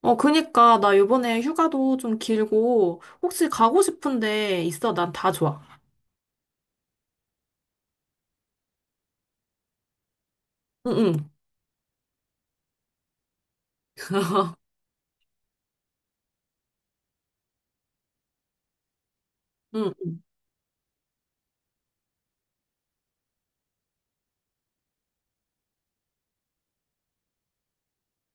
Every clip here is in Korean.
어, 그니까, 나 요번에 휴가도 좀 길고, 혹시 가고 싶은데 있어? 난 다 좋아. 응, 응, 응.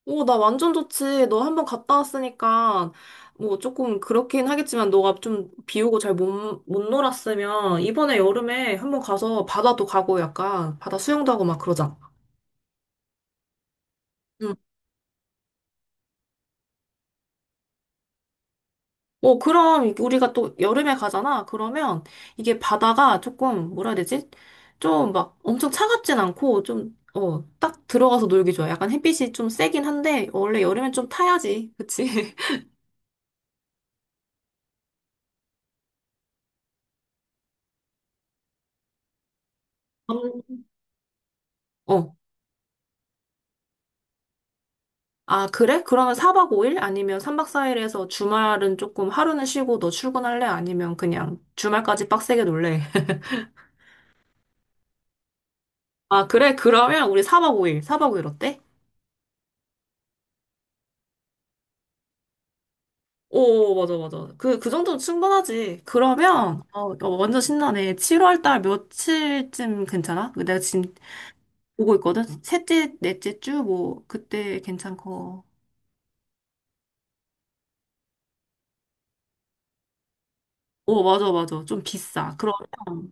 오, 나 완전 좋지. 너 한 번 갔다 왔으니까, 뭐, 조금 그렇긴 하겠지만, 너가 좀 비 오고 잘 못 놀았으면, 이번에 여름에 한 번 가서 바다도 가고, 약간, 바다 수영도 하고 막 그러자. 어, 그럼 이게 우리가 또 여름에 가잖아. 그러면 이게 바다가 조금 뭐라 해야 되지? 좀 막 엄청 차갑진 않고 좀, 어, 딱 들어가서 놀기 좋아. 약간 햇빛이 좀 세긴 한데 원래 여름엔 좀 타야지. 그치? 음. 어. 아, 그래? 그러면 4박 5일 아니면 3박 4일에서 주말은 조금 하루는 쉬고 너 출근할래? 아니면 그냥 주말까지 빡세게 놀래? 아, 그래? 그러면 우리 4박 5일, 4박 5일 어때? 오, 맞아, 맞아. 그, 그 정도면 충분하지. 그러면, 어, 어, 완전 신나네. 7월 달 며칠쯤 괜찮아? 그 내가 지금 보고 있거든? 셋째, 넷째 주, 뭐, 그때 괜찮고. 오, 맞아, 맞아. 좀 비싸. 그러면,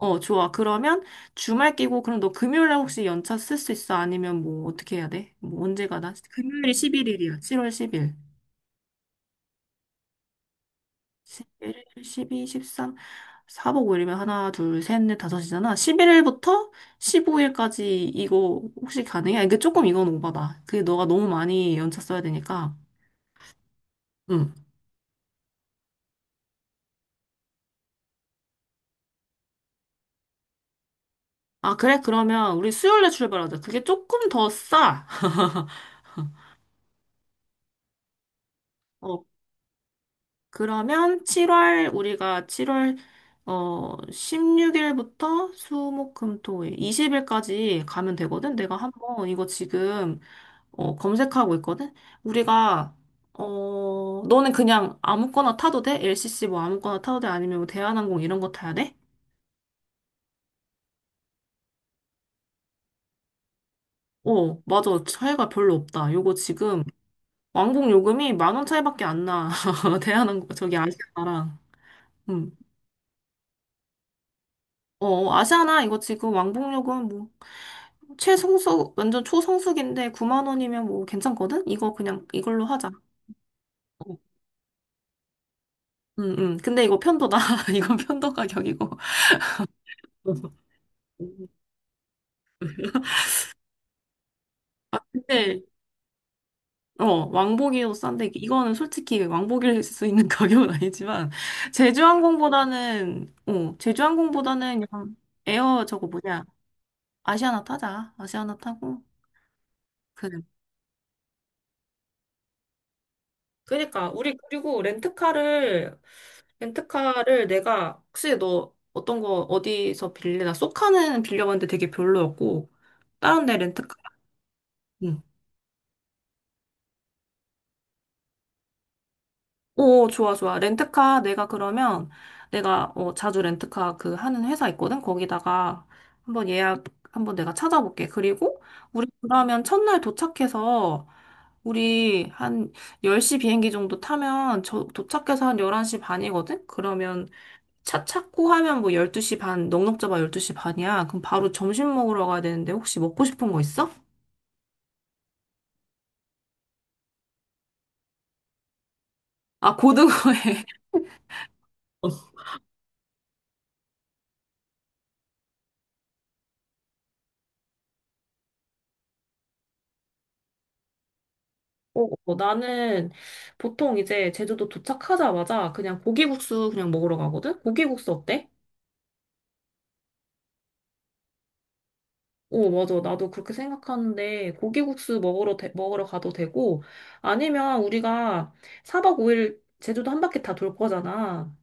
어, 좋아. 그러면 주말 끼고, 그럼 너 금요일에 혹시 연차 쓸 수 있어? 아니면 뭐, 어떻게 해야 돼? 뭐, 언제 가나? 금요일이 11일이야. 7월 10일. 11일, 12, 13, 4박 5일이면 하나, 둘, 셋, 넷, 다섯이잖아. 11일부터 15일까지 이거 혹시 가능해? 아, 이게 조금 이건 오바다. 그게 너가 너무 많이 연차 써야 되니까. 응. 아, 그래? 그러면 우리 수요일에 출발하자. 그게 조금 더 싸. 어, 그러면 7월, 우리가 7월, 어, 16일부터 수, 목, 금, 토, 일, 20일까지 가면 되거든? 내가 한번 이거 지금 어, 검색하고 있거든? 우리가, 어, 너는 그냥 아무거나 타도 돼? LCC 뭐 아무거나 타도 돼? 아니면 뭐 대한항공 이런 거 타야 돼? 어, 맞아. 차이가 별로 없다. 요거 지금 왕복 요금이 만 원 차이밖에 안 나. 대한항공, 저기 아시아나랑. 음. 어, 아시아나 이거 지금 왕복 요금 뭐 최성수, 완전 초성수기인데 9만 원이면 뭐 괜찮거든? 이거 그냥 이걸로 하자. 어. 근데 이거 편도다. 이건 편도 가격이고. 근데 어, 왕복이어도 싼데, 이거는 솔직히 왕복일 수 있는 가격은 아니지만, 제주항공보다는, 어, 제주항공보다는 그냥 에어 저거 뭐냐, 아시아나 타자. 아시아나 타고, 그래. 그니까 우리 그리고 렌트카를 내가 혹시 너 어떤 거 어디서 빌려? 나 쏘카는 빌려봤는데 되게 별로였고, 다른 데 렌트카. 오, 좋아, 좋아. 렌트카 내가 그러면 내가 어, 자주 렌트카 그 하는 회사 있거든. 거기다가 한번 예약 한번 내가 찾아볼게. 그리고 우리 그러면 첫날 도착해서 우리 한 10시 비행기 정도 타면 저 도착해서 한 11시 반이거든. 그러면 차 찾고 하면 뭐 12시 반, 넉넉 잡아 12시 반이야. 그럼 바로 점심 먹으러 가야 되는데 혹시 먹고 싶은 거 있어? 아, 고등어회. 어, 어, 나는 보통 이제 제주도 도착하자마자 그냥 고기국수 그냥 먹으러 가거든? 고기국수 어때? 오 맞아. 나도 그렇게 생각하는데 고기국수 먹으러 가도 되고 아니면 우리가 4박 5일 제주도 한 바퀴 다 돌 거잖아.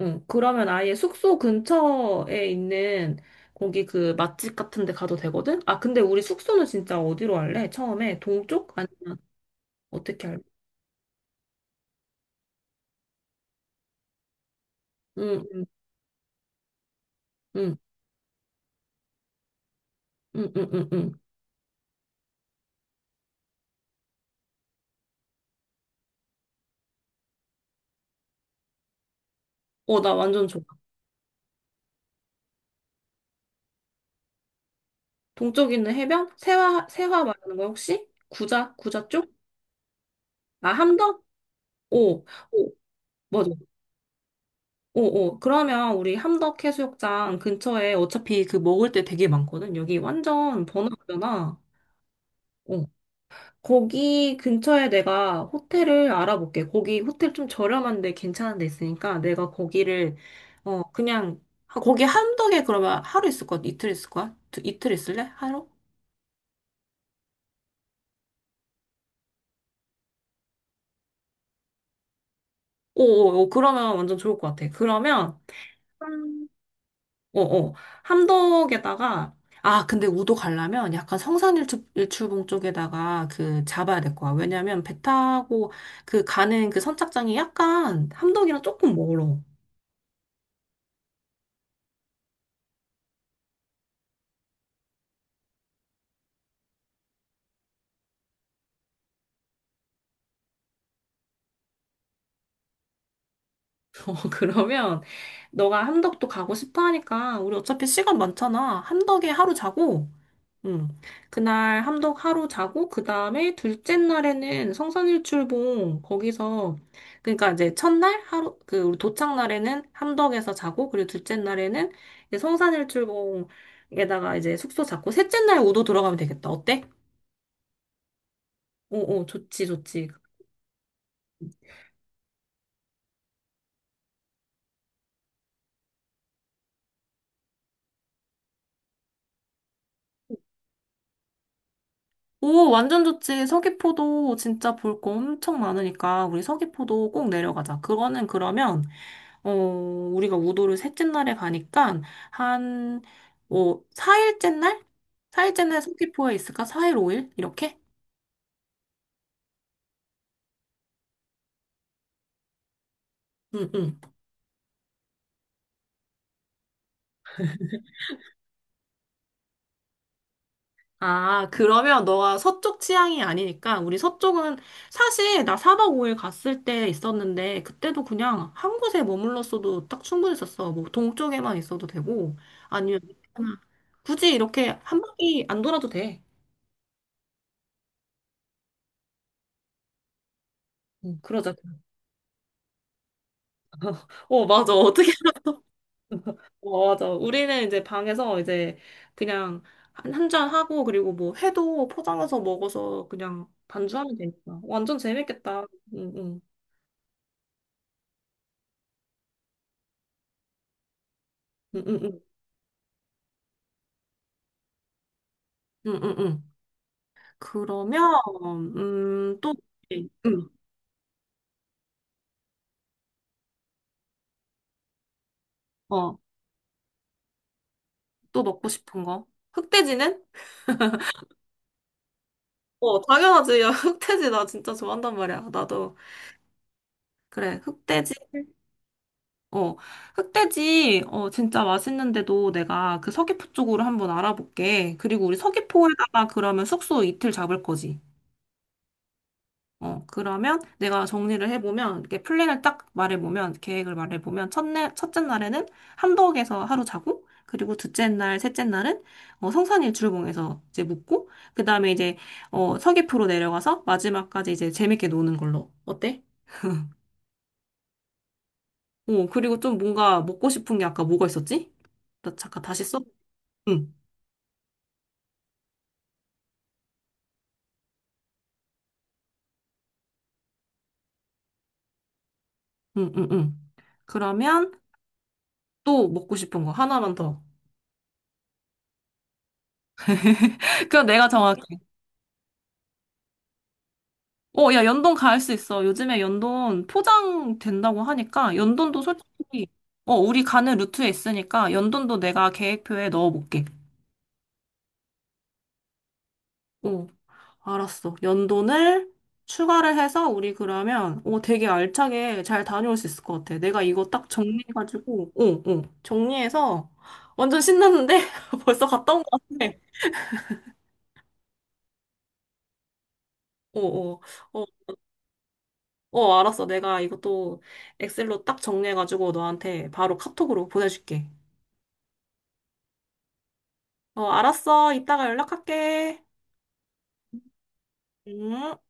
응, 그러면 아예 숙소 근처에 있는 거기 그 맛집 같은 데 가도 되거든? 아, 근데 우리 숙소는 진짜 어디로 할래? 처음에 동쪽? 아니면 어떻게 할래? 응, 응, 응, 응, 응, 응, 응. 어, 나 완전 좋아. 동쪽에 있는 해변? 세화, 세화 말하는 거야, 혹시? 구자? 구자 쪽? 아, 함덕? 오, 오, 맞아. 오, 오. 그러면 우리 함덕 해수욕장 근처에 어차피 그 먹을 때 되게 많거든. 여기 완전 번화가잖아. 어. 거기 근처에 내가 호텔을 알아볼게. 거기 호텔 좀 저렴한데 괜찮은 데 있으니까 내가 거기를, 어, 그냥, 거기 함덕에 그러면 하루 있을 거야? 이틀 있을 거야? 이틀 있을래? 하루? 오, 오, 오. 그러면 완전 좋을 것 같아. 그러면, 어, 어. 함덕에다가, 아, 근데 우도 가려면 약간 성산일출봉 쪽에다가 그 잡아야 될 거야. 왜냐면 배 타고 그 가는 그 선착장이 약간 함덕이랑 조금 멀어. 어, 그러면 너가 함덕도 가고 싶어 하니까 우리 어차피 시간 많잖아. 함덕에 하루 자고 음. 그날 함덕 하루 자고, 그 다음에 둘째 날에는 성산일출봉, 거기서, 그러니까 이제 첫날 하루, 그, 우리 도착 날에는 함덕에서 자고, 그리고 둘째 날에는 이제 성산일출봉에다가 이제 숙소 잡고, 셋째 날 우도 들어가면 되겠다. 어때? 오, 오, 좋지, 좋지. 오, 완전 좋지. 서귀포도 진짜 볼 거 엄청 많으니까, 우리 서귀포도 꼭 내려가자. 그거는 그러면, 어, 우리가 우도를 셋째 날에 가니까, 한, 뭐, 4일째 날? 4일째 날 서귀포에 있을까? 4일, 5일? 이렇게? 응, 응. 아, 그러면 너가 서쪽 취향이 아니니까, 우리 서쪽은, 사실 나 4박 5일 갔을 때 있었는데, 그때도 그냥 한 곳에 머물렀어도 딱 충분했었어. 뭐, 동쪽에만 있어도 되고, 아니면, 나 굳이 이렇게 한 바퀴 안 돌아도 돼. 응, 그러자. 어, 맞아. 어, 맞아. 우리는 이제 방에서 이제 그냥 한 잔 하고 그리고 뭐 회도 포장해서 먹어서 그냥 반주하면 되니까. 완전 재밌겠다. 응, 응, 응, 응, 응, 응, 응. 응. 그러면, 또, 응, 어, 또 먹고 싶은 거. 흑돼지는? 어, 당연하지. 야, 흑돼지 나 진짜 좋아한단 말이야. 나도. 그래, 흑돼지. 어, 흑돼지, 어, 진짜 맛있는데도 내가 그 서귀포 쪽으로 한번 알아볼게. 그리고 우리 서귀포에다가 그러면 숙소 이틀 잡을 거지. 어, 그러면 내가 정리를 해보면, 이렇게 플랜을 딱 말해보면, 계획을 말해보면, 첫날, 첫째 날에는 함덕에서 하루 자고, 그리고 둘째 날, 셋째 날은, 어, 성산일출봉에서 이제 묵고, 그 다음에 이제, 어, 서귀포로 내려가서 마지막까지 이제 재밌게 노는 걸로. 어때? 어, 그리고 좀 뭔가 먹고 싶은 게 아까 뭐가 있었지? 나 잠깐 다시 써. 응. 응, 응, 응. 그러면 또 먹고 싶은 거 하나만 더. 그럼 내가 정할게. 어, 야, 연돈 갈 수 있어. 요즘에 연돈 포장 된다고 하니까 연돈도 솔직히 어, 우리 가는 루트에 있으니까 연돈도 내가 계획표에 넣어볼게. 어, 알았어. 연돈을 추가를 해서 우리 그러면 어, 되게 알차게 잘 다녀올 수 있을 것 같아. 내가 이거 딱 정리해가지고 정리해서 완전 신났는데 벌써 갔다 온 것 같아. 어, 어. 어, 알았어. 내가 이것도 엑셀로 딱 정리해가지고 너한테 바로 카톡으로 보내줄게. 어, 알았어. 이따가 연락할게. 응?